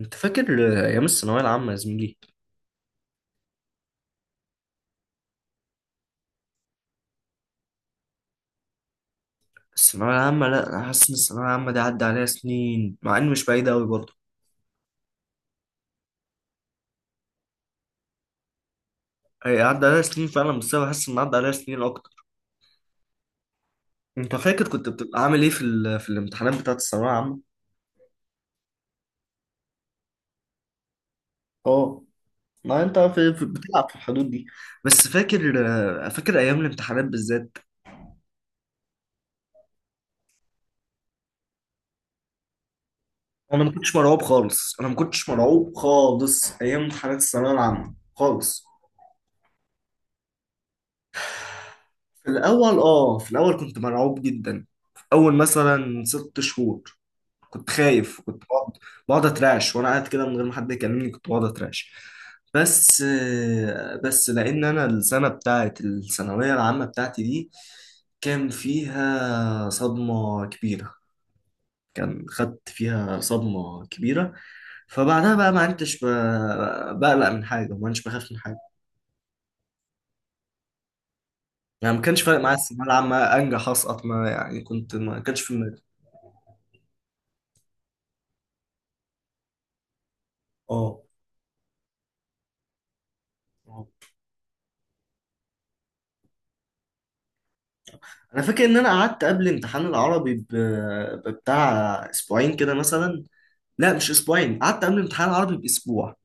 انت فاكر ايام الثانويه العامه يا زميلي؟ الثانويه العامه، لا انا حاسس ان الثانويه العامه دي عدى عليها سنين، مع ان مش بعيده قوي برضه. هي عدى عليها سنين فعلا، بس انا حاسس ان عدى عليها سنين اكتر. انت فاكر كنت بتبقى عامل ايه في الامتحانات بتاعه الثانويه العامه؟ اه، ما انت بتلعب في الحدود دي. بس فاكر، فاكر ايام الامتحانات بالذات. انا ما كنتش مرعوب خالص، انا ما كنتش مرعوب خالص ايام امتحانات الثانويه العامه خالص. في الاول، اه في الاول كنت مرعوب جدا. اول مثلا ست شهور كنت خايف، كنت بقعد اترعش، وانا قاعد كده من غير ما حد يكلمني كنت بقعد اترعش. بس، بس لان انا السنه بتاعت الثانويه العامه بتاعتي دي كان فيها صدمه كبيره، كان خدت فيها صدمه كبيره، فبعدها بقى ما عدتش بقلق من حاجه، وما عدتش بخاف من حاجه. يعني ما كانش فارق معايا الثانويه العامه انجح اسقط، ما يعني كنت ما كانش في دماغي. اه، انا فاكر ان انا قعدت قبل امتحان العربي بتاع اسبوعين كده مثلا. لا مش اسبوعين، قعدت قبل امتحان العربي باسبوع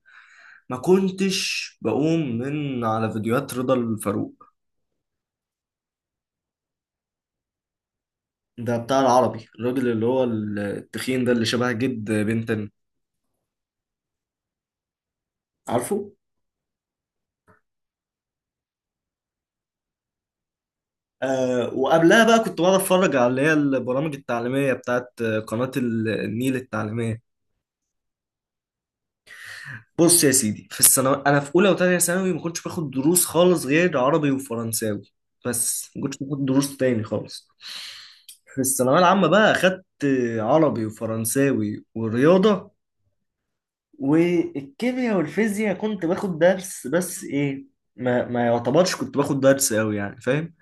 ما كنتش بقوم من على فيديوهات رضا الفاروق. ده بتاع العربي، الراجل اللي هو التخين ده، اللي شبه جد بنتن، عارفه. آه، وقبلها بقى كنت بقعد اتفرج على اللي هي البرامج التعليمية بتاعت قناة النيل التعليمية. بص يا سيدي، في الثانوي انا في اولى وثانيه ثانوي ما كنتش باخد دروس خالص غير عربي وفرنساوي. بس ما كنتش باخد دروس تاني خالص. في الثانويه العامه بقى اخدت عربي وفرنساوي ورياضه، والكيمياء والفيزياء كنت باخد درس، بس ايه، ما يعتبرش كنت باخد درس قوي يعني، فاهم؟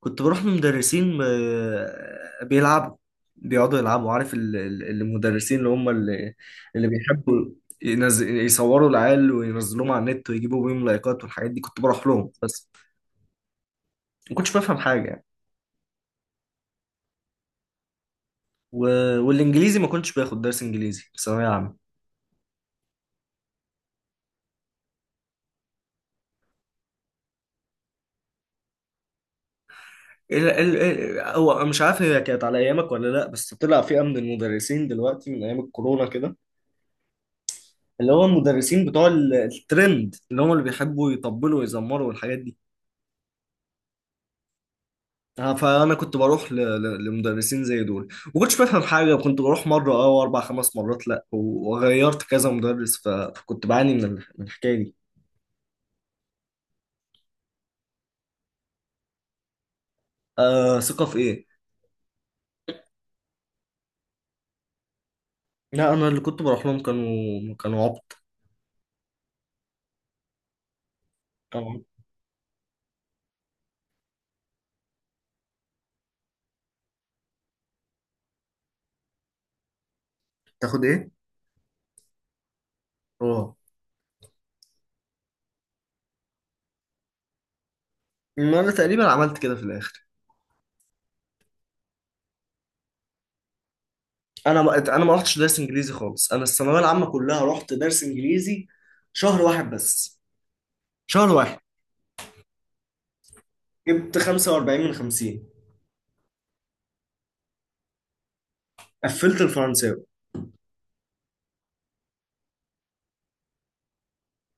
كنت بروح من مدرسين بيلعبوا، بيقعدوا يلعبوا. عارف المدرسين اللي هم اللي بيحبوا ينزل يصوروا العيال وينزلوهم على النت ويجيبوا بيهم لايكات والحاجات دي، كنت بروح لهم بس ما كنتش بفهم حاجة يعني. و... والانجليزي ما كنتش باخد درس انجليزي في ثانوية عامة. هو مش عارف هي كانت على ايامك ولا لا، بس طلع فئة من المدرسين دلوقتي من ايام الكورونا كده، اللي هو المدرسين بتوع الترند، اللي هم اللي بيحبوا يطبلوا ويزمروا والحاجات دي. آه، فانا كنت بروح ل- ل- لمدرسين زي دول. ما كنتش بفهم حاجه، وكنت بروح مره اه واربع خمس مرات لا، وغيرت كذا مدرس، فكنت بعاني من من الحكايه دي. آه، ثقه في ايه؟ لا انا اللي كنت بروح لهم كانوا عبط. كانوا عبط. تاخد ايه؟ اه، ما انا تقريبا عملت كده في الاخر. انا ما انا ما رحتش درس انجليزي خالص، انا الثانويه العامه كلها رحت درس انجليزي شهر واحد بس، شهر واحد. جبت 45 من 50. قفلت الفرنساوي.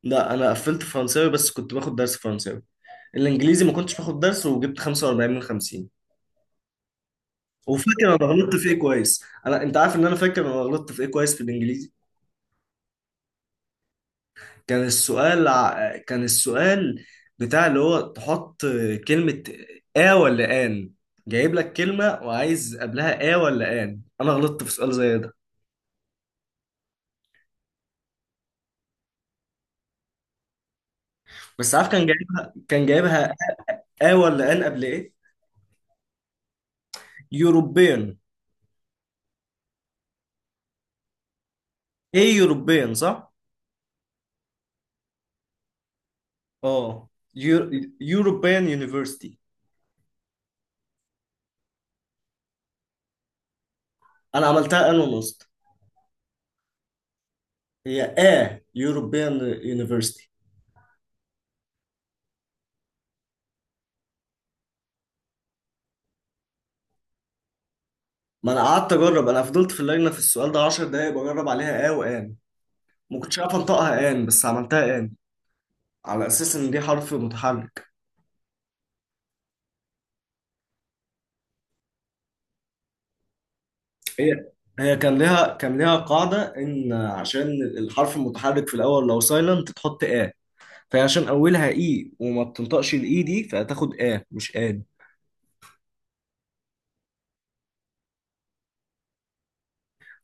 لا انا قفلت فرنساوي بس كنت باخد درس فرنساوي، الانجليزي ما كنتش باخد درس وجبت 45 من 50. وفاكر انا غلطت في ايه كويس، انا انت عارف ان انا فاكر انا غلطت في ايه كويس في الانجليزي. كان السؤال كان السؤال بتاع اللي هو تحط كلمة اه ولا ان. جايب لك كلمة وعايز قبلها اه ولا ان، انا غلطت في سؤال زي ده. بس عارف كان جايبها، كان جايبها اه ولا ان قبل ايه؟ يوروبيان. ايه يوروبيان، صح. اه، يور... يوروبيان يونيفرسيتي. انا عملتها ان ونص. هي اه يوروبيان يونيفرستي. ما انا قعدت اجرب، انا فضلت في اللجنه في السؤال ده 10 دقايق بجرب عليها اه وان، ما كنتش عارف انطقها ان، بس عملتها ان على اساس ان دي حرف متحرك. هي هي كان ليها قاعده ان عشان الحرف المتحرك في الاول لو سايلنت تحط اه، فهي عشان اولها اي وما بتنطقش الاي دي فهتاخد اه مش ان.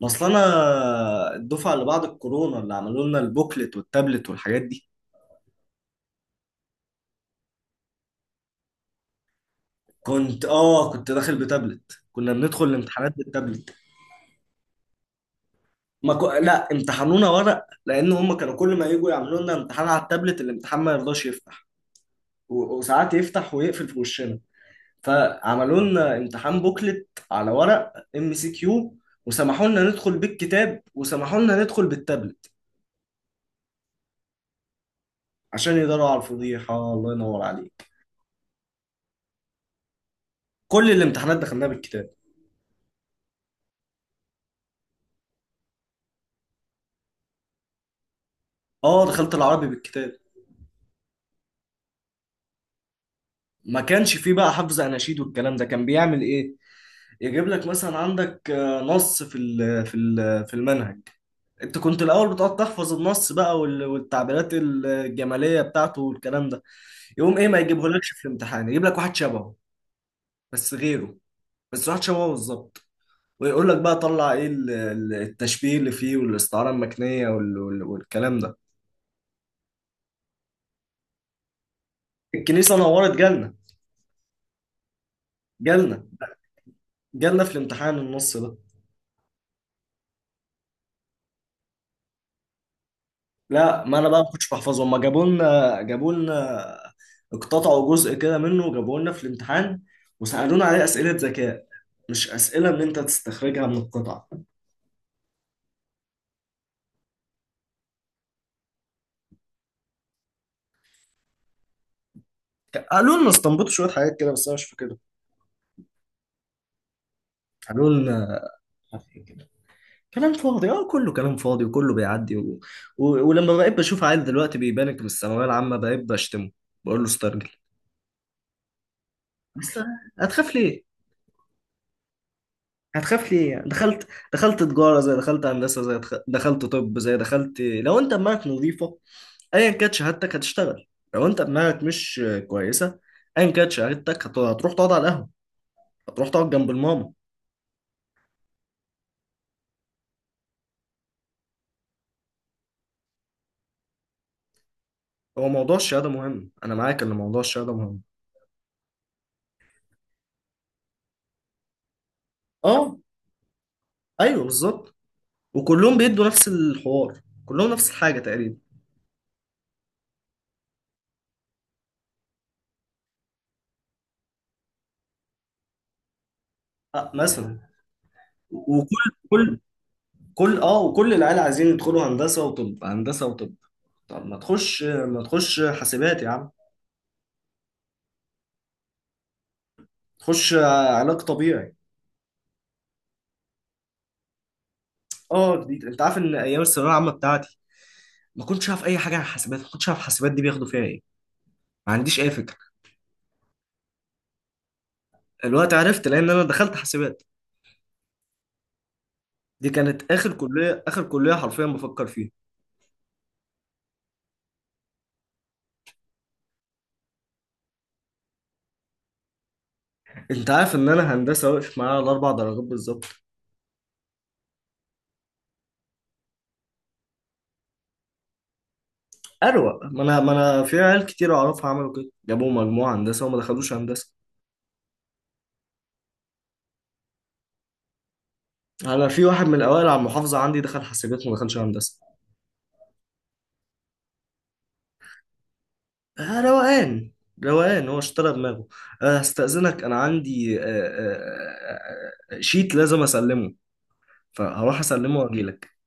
اصل انا الدفعه اللي بعد الكورونا اللي عملوا لنا البوكلت والتابلت والحاجات دي. كنت اه، كنت داخل بتابلت، كنا بندخل الامتحانات بالتابلت. ما ك... لا امتحنونا ورق، لان هم كانوا كل ما يجوا يعملوا لنا امتحان على التابلت الامتحان ما يرضاش يفتح، وساعات يفتح ويقفل في وشنا. فعملوا لنا امتحان بوكلت على ورق ام سي كيو، وسمحوا لنا ندخل بالكتاب وسمحوا لنا ندخل بالتابلت. عشان يقدروا على الفضيحه، الله ينور عليك. كل الامتحانات دخلناها بالكتاب. اه دخلت العربي بالكتاب. ما كانش فيه بقى حفظ اناشيد والكلام ده، كان بيعمل ايه؟ يجيب لك مثلا عندك آه، نص في في المنهج، انت كنت الاول بتقعد تحفظ النص بقى والتعبيرات الجماليه بتاعته والكلام ده، يقوم ايه ما يجيبهولكش في الامتحان، يجيب لك واحد شبهه، بس غيره، بس واحد شبهه بالظبط، ويقول لك بقى طلع ايه التشبيه اللي فيه والاستعاره المكنيه والكلام ده. الكنيسه نورت جالنا. جالنا. جالنا في الامتحان النص ده. لا ما انا بقى ما كنتش بحفظه، هما جابوا لنا اقتطعوا جزء كده منه وجابوه لنا في الامتحان، وسألونا عليه أسئلة ذكاء، مش أسئلة إن أنت تستخرجها من القطع. قالوا لنا استنبطوا شوية حاجات كده، بس أنا مش فاكرها. قالوا لنا كده. كلام فاضي، اه كله كلام فاضي وكله بيعدي. ولما بقيت بشوف عيل دلوقتي بيبانك من الثانوية العامة، بقيت بشتمه، بقول له استرجل. بس هتخاف ليه؟ هتخاف ليه يعني؟ دخلت، دخلت تجارة زي، دخلت هندسة زي، دخلت طب زي، دخلت لو انت دماغك نظيفة ايا كانت شهادتك هتشتغل. لو انت دماغك مش كويسة، ايا كانت شهادتك هتروح تقعد على القهوة، هتروح تقعد جنب الماما. هو موضوع الشهادة مهم، انا معاك ان موضوع الشهادة مهم. اه ايوه بالظبط، وكلهم بيدوا نفس الحوار، كلهم نفس الحاجة تقريبا. أه مثلا، وكل كل كل اه وكل العيال عايزين يدخلوا هندسة وطب، هندسة وطب. طب ما تخش، ما تخش حاسبات يا عم، تخش علاج طبيعي. اه جديد، انت عارف ان ايام الثانويه العامه بتاعتي ما كنتش عارف اي حاجه عن حاسبات، ما كنتش عارف حاسبات دي بياخدوا فيها ايه، ما عنديش اي فكره. الوقت عرفت، لان انا دخلت حاسبات. دي كانت اخر كليه، اخر كليه حرفيا بفكر فيها. انت عارف ان انا هندسه واقف معايا على اربع درجات بالظبط. اروق، ما انا في عيال كتير اعرفها عملوا كده، جابوا مجموعه هندسه وما دخلوش هندسه. انا في واحد من الاوائل على المحافظه عندي دخل حاسبات وما دخلش هندسه. آه روقان، روقان، هو اشترى دماغه. هستأذنك، انا عندي شيت لازم اسلمه، فهروح اسلمه واجيلك.